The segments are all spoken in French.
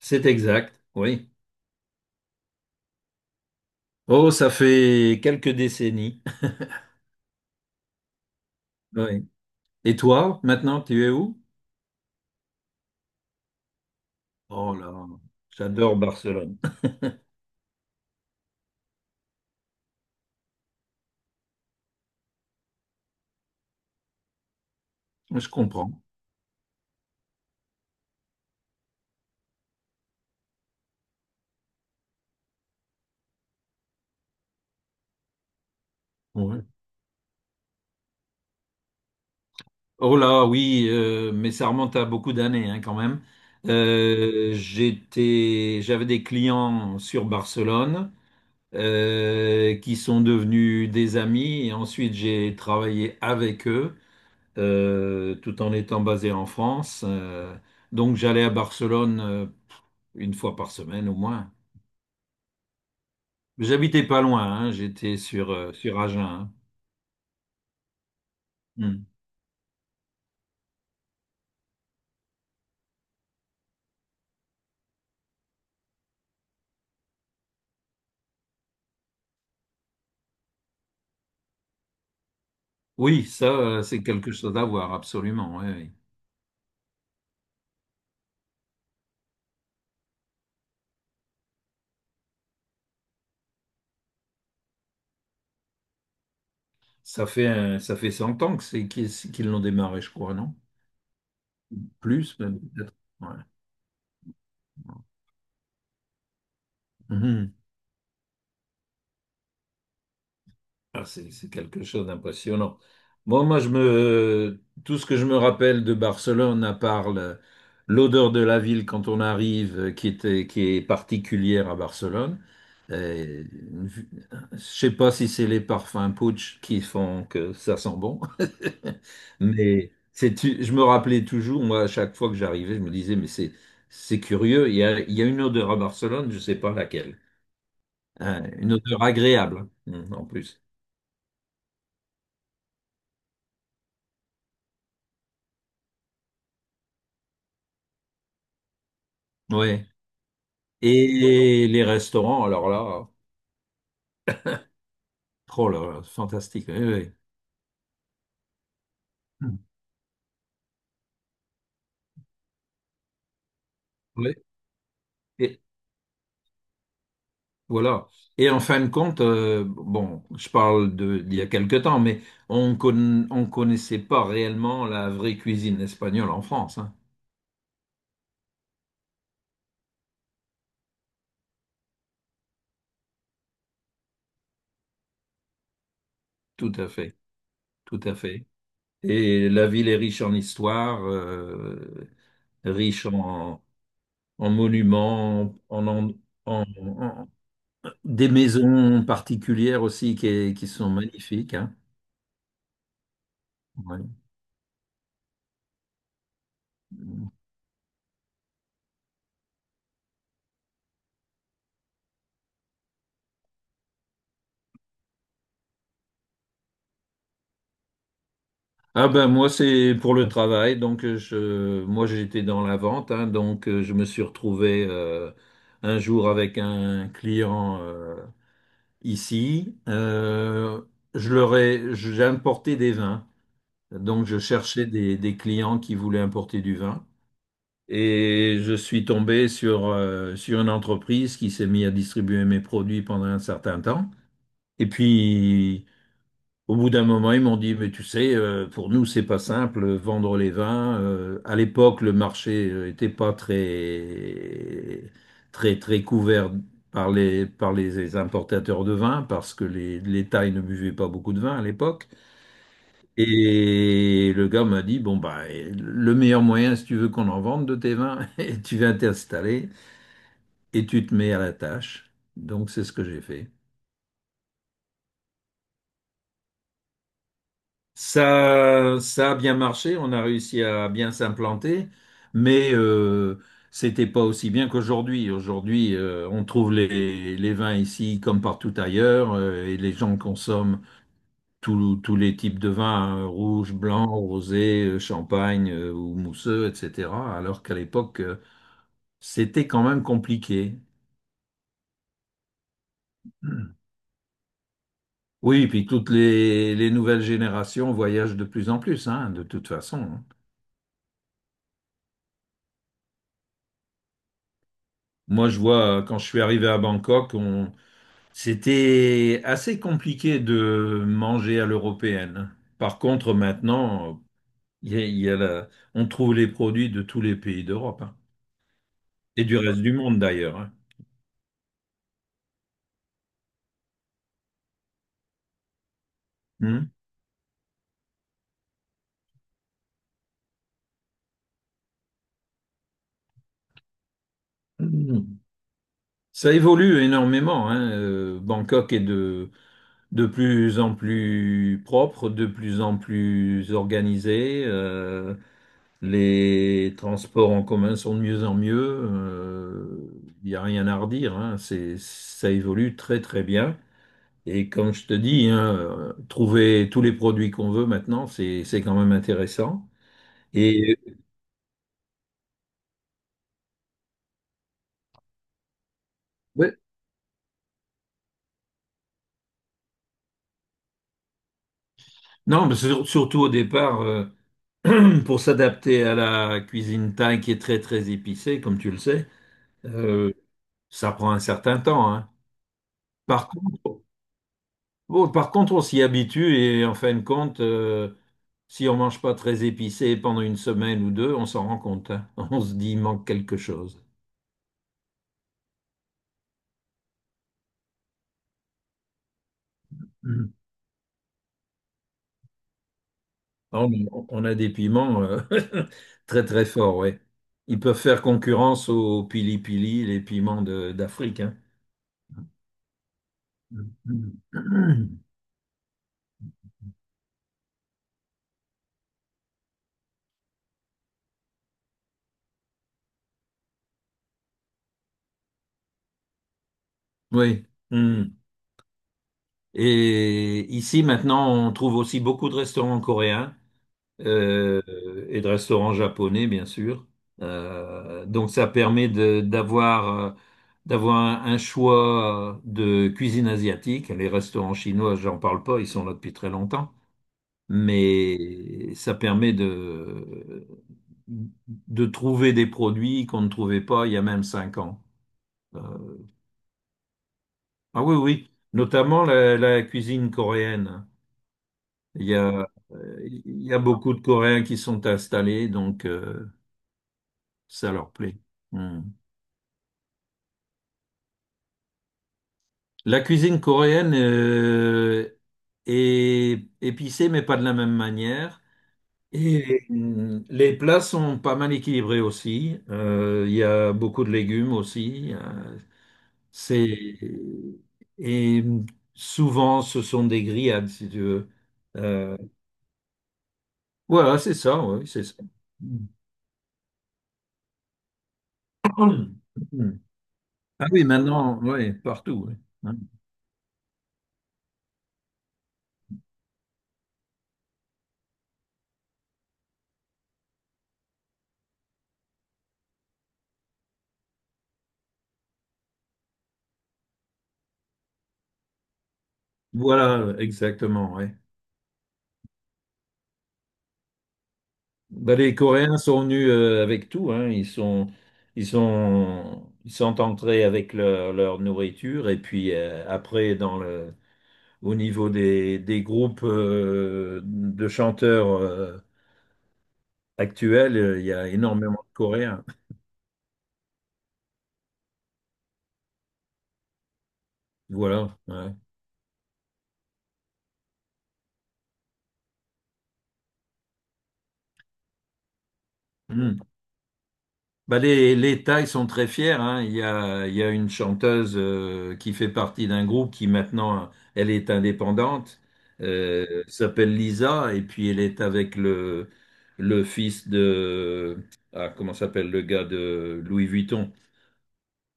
C'est exact, oui. Oh, ça fait quelques décennies. Oui. Et toi, maintenant, tu es où? Oh là, j'adore Barcelone. Je comprends. Ouais. Oh là, oui, mais ça remonte à beaucoup d'années, hein, quand même. J'avais des clients sur Barcelone qui sont devenus des amis et ensuite j'ai travaillé avec eux, tout en étant basé en France. Donc j'allais à Barcelone une fois par semaine au moins. J'habitais pas loin, hein, j'étais sur, sur Agen, hein. Hmm. Oui, ça, c'est quelque chose à voir, absolument, ouais, ouais. Ça fait 100 ans que c'est qu'ils qu'ils l'ont démarré, je crois, non? Plus, même peut-être. Ouais. Mhm. Ah, c'est quelque chose d'impressionnant. Bon, moi, tout ce que je me rappelle de Barcelone, à part l'odeur de la ville quand on arrive, qui est particulière à Barcelone, euh, une vue- je sais pas si c'est les parfums Putsch qui font que ça sent bon, mais c'est, je me rappelais toujours, moi, à chaque fois que j'arrivais, je me disais, mais c'est curieux, il y a une odeur à Barcelone, je sais pas laquelle. Hein, une odeur agréable, hein, en plus. Oui. Et les restaurants, alors là, oh là, là, fantastique, oui, oui. Hmm. Oui, et voilà. Et en fin de compte, bon, je parle de d'il y a quelque temps, mais on connaissait pas réellement la vraie cuisine espagnole en France, hein. Tout à fait, tout à fait. Et la ville est riche en histoire, riche en monuments, en- en- des maisons particulières aussi qui sont magnifiques, hein. Ouais. Ah ben moi c'est pour le travail, donc je moi j'étais dans la vente, hein, donc je me suis retrouvé un jour avec un client ici. Je leur ai J'ai importé des vins, donc je cherchais des clients qui voulaient importer du vin, et je suis tombé sur sur une entreprise qui s'est mise à distribuer mes produits pendant un certain temps, et puis au bout d'un moment, ils m'ont dit, mais tu sais, pour nous, c'est pas simple, vendre les vins. À l'époque, le marché était pas très, très, très couvert par les importateurs de vin, parce que les Thaïs ne buvaient pas beaucoup de vin à l'époque. Et le gars m'a dit, bon, bah, eh, le meilleur moyen, si tu veux qu'on en vende de tes vins, tu viens t'installer et tu te mets à la tâche. Donc, c'est ce que j'ai fait. Ça a bien marché, on a réussi à bien s'implanter, mais c'était pas aussi bien qu'aujourd'hui. Aujourd'hui, on trouve les vins ici comme partout ailleurs, et les gens consomment tous les types de vins, hein, rouge, blanc, rosé, champagne ou mousseux, etc. Alors qu'à l'époque, c'était quand même compliqué. Oui, et puis toutes les nouvelles générations voyagent de plus en plus, hein, de toute façon, hein. Moi, je vois, quand je suis arrivé à Bangkok, on… c'était assez compliqué de manger à l'européenne, hein. Par contre, maintenant, il y a la- on trouve les produits de tous les pays d'Europe, hein. Et du reste du monde d'ailleurs, hein. Hmm. Mhm. Ça évolue énormément, hein. Bangkok est de plus en plus propre, de plus en plus organisé. Les transports en commun sont de mieux en mieux. Il n'y a rien à redire, hein. C'est, ça évolue très très bien. Et comme je te dis, hein, trouver tous les produits qu'on veut maintenant, c'est quand même intéressant. Et ouais, non, mais surtout au départ, pour s'adapter à la cuisine thaï qui est très très épicée, comme tu le sais, euh, ça prend un certain temps, hein. Par contre, bon, par contre, on s'y habitue et en fin de compte, si on mange pas très épicé pendant une semaine ou deux, on s'en rend compte, hein. On se dit, il manque quelque chose. Mhm. Ah, on a des piments très très forts, ouais. Ils peuvent faire concurrence aux pili-pili, les piments d'Afrique, hein. Mhm. Oui. Hmm. Et ici, maintenant, on trouve aussi beaucoup de restaurants coréens, euh, et de restaurants japonais, bien sûr. Donc ça permet d'avoir un choix de cuisine asiatique. Les restaurants chinois, j'en parle pas, ils sont là depuis très longtemps. Mais ça permet de trouver des produits qu'on ne trouvait pas il y a même 5 ans. Euh, ah oui, oui, notamment la, la cuisine coréenne. Il y a beaucoup de Coréens qui sont installés, donc ça leur plaît. Hmm. La cuisine coréenne est épicée, mais pas de la même manière. Et hmm, les plats sont pas mal équilibrés aussi. Il y a beaucoup de légumes aussi. C'est et Souvent ce sont des grillades, si tu veux. Euh, voilà, c'est ça. Oui, c'est ça. Hmm. Ah oui, maintenant, oui, partout, oui. Hein. Voilà, exactement, oui. Bah, les Coréens sont venus avec tout, hein. Ils sont entrés avec leur, leur nourriture, et puis au niveau des groupes de chanteurs actuels, il y a énormément de Coréens. Voilà, ouais. Hmm. Bah, les Thaïs sont très fiers, hein. Il y a une chanteuse qui fait partie d'un groupe, qui maintenant, elle est indépendante, s'appelle Lisa, et puis elle est avec le fils de… Ah, comment s'appelle le gars de Louis Vuitton?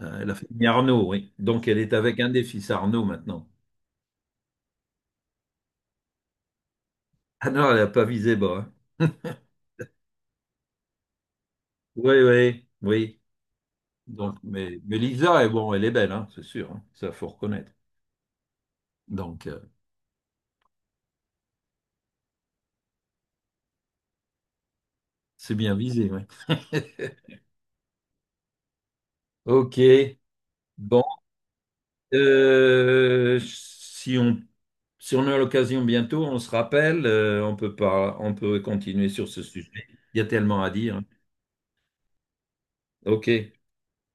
La famille Arnaud, oui. Donc elle est avec un des fils Arnaud maintenant. Ah non, elle n'a pas visé bas, hein. Oui, oui, oui. Donc, mais Lisa, eh bon, elle est belle, hein, c'est sûr, hein. Ça, faut reconnaître. Donc, c'est bien visé, oui. Ok, bon, si on, si on a l'occasion bientôt, on se rappelle, on peut pas, on peut continuer sur ce sujet. Il y a tellement à dire. Ok.